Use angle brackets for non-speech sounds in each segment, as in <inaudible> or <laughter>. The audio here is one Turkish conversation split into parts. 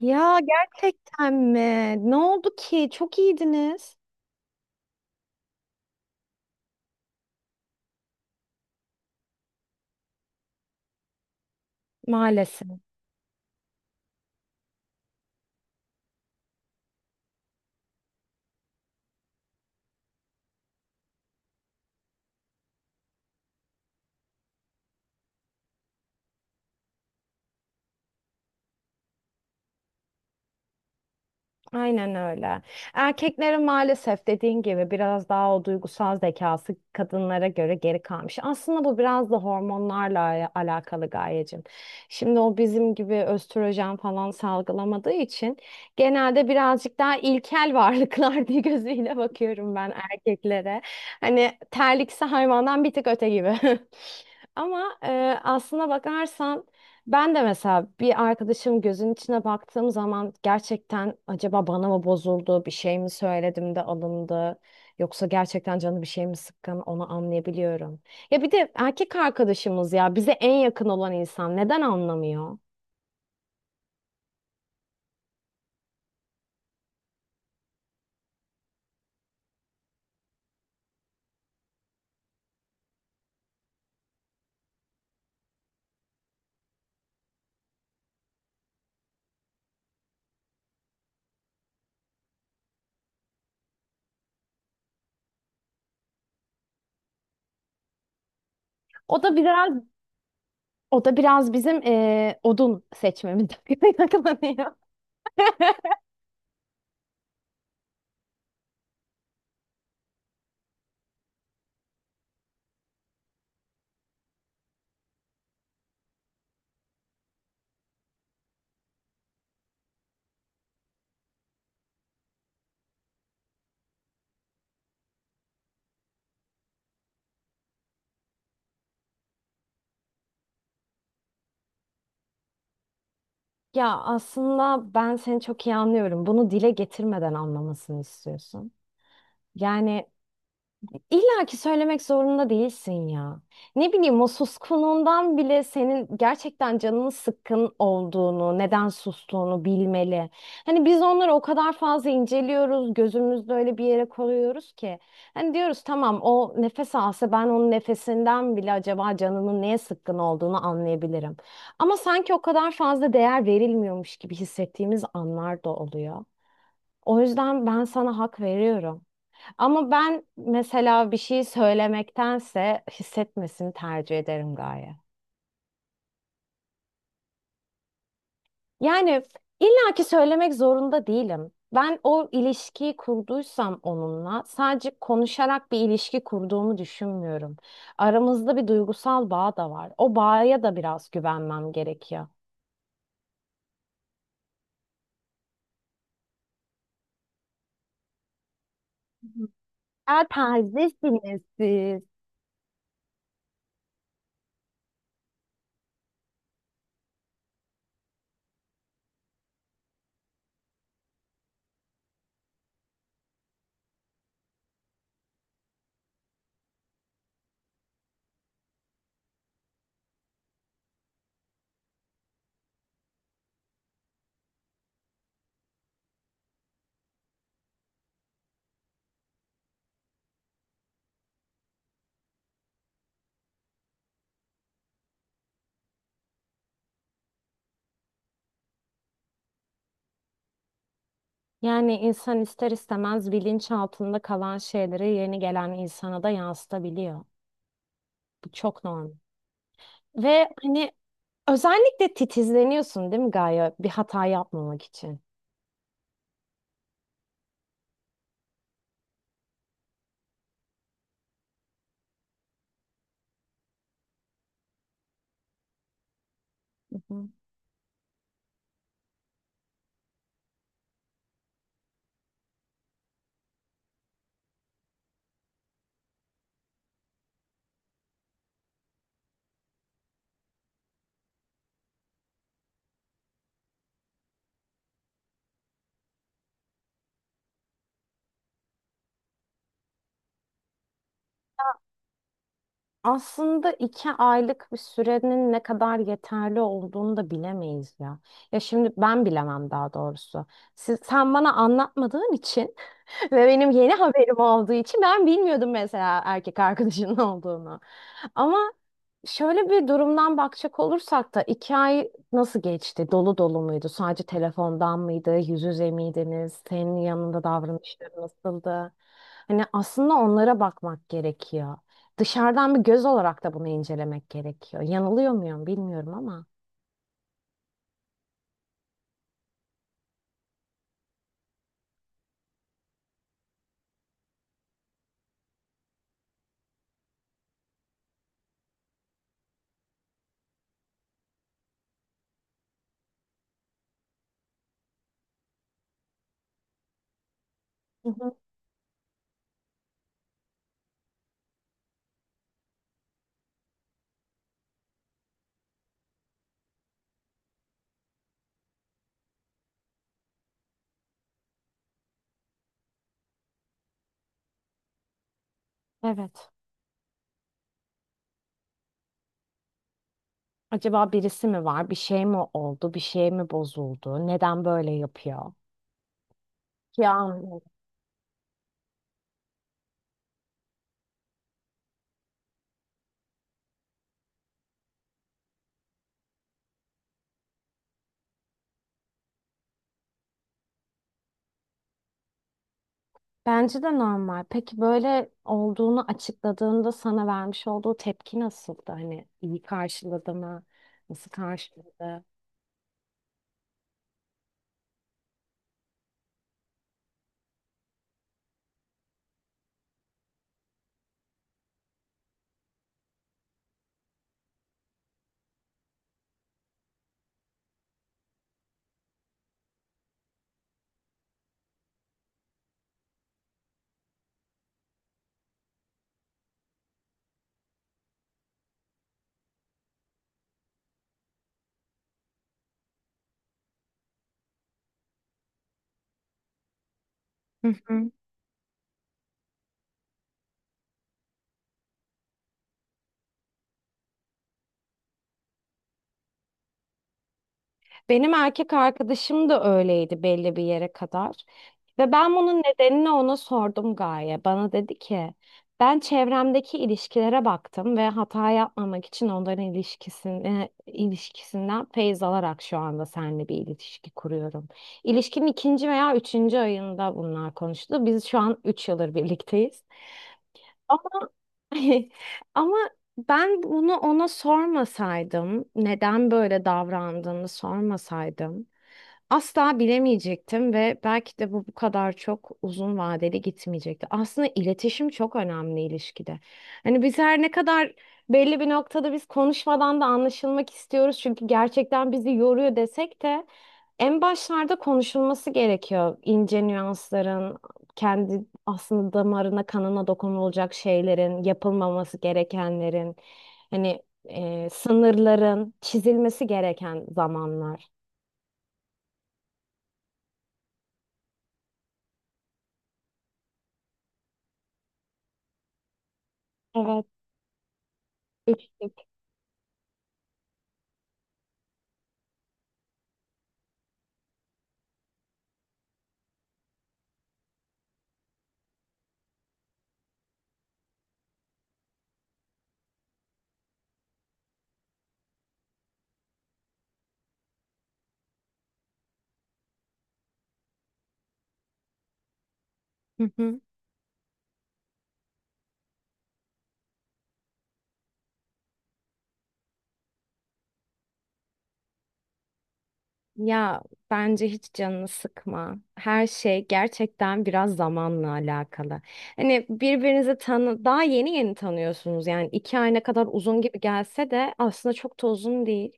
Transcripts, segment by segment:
Ya gerçekten mi? Ne oldu ki? Çok iyiydiniz maalesef. Aynen öyle. Erkeklerin maalesef dediğin gibi biraz daha o duygusal zekası kadınlara göre geri kalmış. Aslında bu biraz da hormonlarla alakalı Gayecim. Şimdi o bizim gibi östrojen falan salgılamadığı için genelde birazcık daha ilkel varlıklar <laughs> diye gözüyle bakıyorum ben erkeklere. Hani terlikse hayvandan bir tık öte gibi. <laughs> Ama aslına bakarsan ben de mesela bir arkadaşım gözün içine baktığım zaman gerçekten acaba bana mı bozuldu, bir şey mi söyledim de alındı yoksa gerçekten canı bir şey mi sıkkın onu anlayabiliyorum. Ya bir de erkek arkadaşımız ya bize en yakın olan insan neden anlamıyor? O da biraz o da biraz bizim odun seçmemizden <laughs> kaynaklanıyor. Ya aslında ben seni çok iyi anlıyorum. Bunu dile getirmeden anlamasını istiyorsun. Yani İlla ki söylemek zorunda değilsin ya. Ne bileyim o suskunluğundan bile senin gerçekten canının sıkkın olduğunu, neden sustuğunu bilmeli. Hani biz onları o kadar fazla inceliyoruz, gözümüzde öyle bir yere koyuyoruz ki. Hani diyoruz tamam o nefes alsa ben onun nefesinden bile acaba canının neye sıkkın olduğunu anlayabilirim. Ama sanki o kadar fazla değer verilmiyormuş gibi hissettiğimiz anlar da oluyor. O yüzden ben sana hak veriyorum. Ama ben mesela bir şey söylemektense hissetmesini tercih ederim gaye. Yani illaki söylemek zorunda değilim. Ben o ilişkiyi kurduysam onunla sadece konuşarak bir ilişki kurduğumu düşünmüyorum. Aramızda bir duygusal bağ da var. O bağa da biraz güvenmem gerekiyor. Ya terzisiniz siz. Yani insan ister istemez bilinç altında kalan şeyleri yeni gelen insana da yansıtabiliyor. Bu çok normal. Ve hani özellikle titizleniyorsun değil mi Gaye? Bir hata yapmamak için. Hı hı. Aslında iki aylık bir sürenin ne kadar yeterli olduğunu da bilemeyiz ya. Ya şimdi ben bilemem daha doğrusu. Siz, sen bana anlatmadığın için <laughs> ve benim yeni haberim olduğu için ben bilmiyordum mesela erkek arkadaşının <laughs> olduğunu. Ama şöyle bir durumdan bakacak olursak da iki ay nasıl geçti? Dolu dolu muydu? Sadece telefondan mıydı? Yüz yüze miydiniz? Senin yanında davranışları nasıldı? Hani aslında onlara bakmak gerekiyor. Dışarıdan bir göz olarak da bunu incelemek gerekiyor. Yanılıyor muyum bilmiyorum ama. Hı hı. Evet. Acaba birisi mi var? Bir şey mi oldu? Bir şey mi bozuldu? Neden böyle yapıyor? Ya bence de normal. Peki böyle olduğunu açıkladığında sana vermiş olduğu tepki nasıldı? Hani iyi karşıladı mı? Nasıl karşıladı? Hı hı. Benim erkek arkadaşım da öyleydi belli bir yere kadar. Ve ben bunun nedenini ona sordum Gaye. Bana dedi ki ben çevremdeki ilişkilere baktım ve hata yapmamak için onların ilişkisini, ilişkisinden feyz alarak şu anda seninle bir ilişki kuruyorum. İlişkinin ikinci veya üçüncü ayında bunlar konuştu. Biz şu an üç yıldır birlikteyiz. Ama <laughs> ama ben bunu ona sormasaydım, neden böyle davrandığını sormasaydım, asla bilemeyecektim ve belki de bu kadar çok uzun vadeli gitmeyecekti. Aslında iletişim çok önemli ilişkide. Hani biz her ne kadar belli bir noktada biz konuşmadan da anlaşılmak istiyoruz çünkü gerçekten bizi yoruyor desek de en başlarda konuşulması gerekiyor. İnce nüansların, kendi aslında damarına, kanına dokunulacak şeylerin, yapılmaması gerekenlerin, hani sınırların çizilmesi gereken zamanlar. Evet. Üçlük. Hı hı. Ya bence hiç canını sıkma. Her şey gerçekten biraz zamanla alakalı. Hani birbirinizi tanı daha yeni yeni tanıyorsunuz. Yani iki ay ne kadar uzun gibi gelse de aslında çok da uzun değil.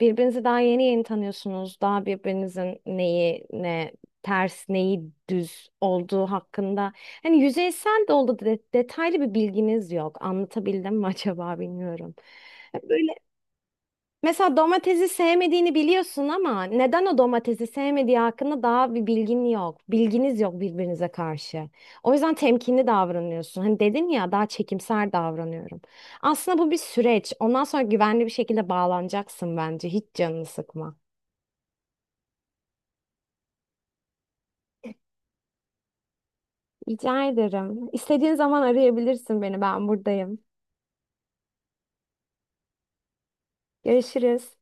Birbirinizi daha yeni yeni tanıyorsunuz. Daha birbirinizin neyi ne ters neyi düz olduğu hakkında. Hani yüzeysel de oldu detaylı bir bilginiz yok. Anlatabildim mi acaba bilmiyorum. Mesela domatesi sevmediğini biliyorsun ama neden o domatesi sevmediği hakkında daha bir bilgin yok. Bilginiz yok birbirinize karşı. O yüzden temkinli davranıyorsun. Hani dedin ya daha çekimser davranıyorum. Aslında bu bir süreç. Ondan sonra güvenli bir şekilde bağlanacaksın bence. Hiç canını sıkma. Rica ederim. İstediğin zaman arayabilirsin beni. Ben buradayım. Görüşürüz.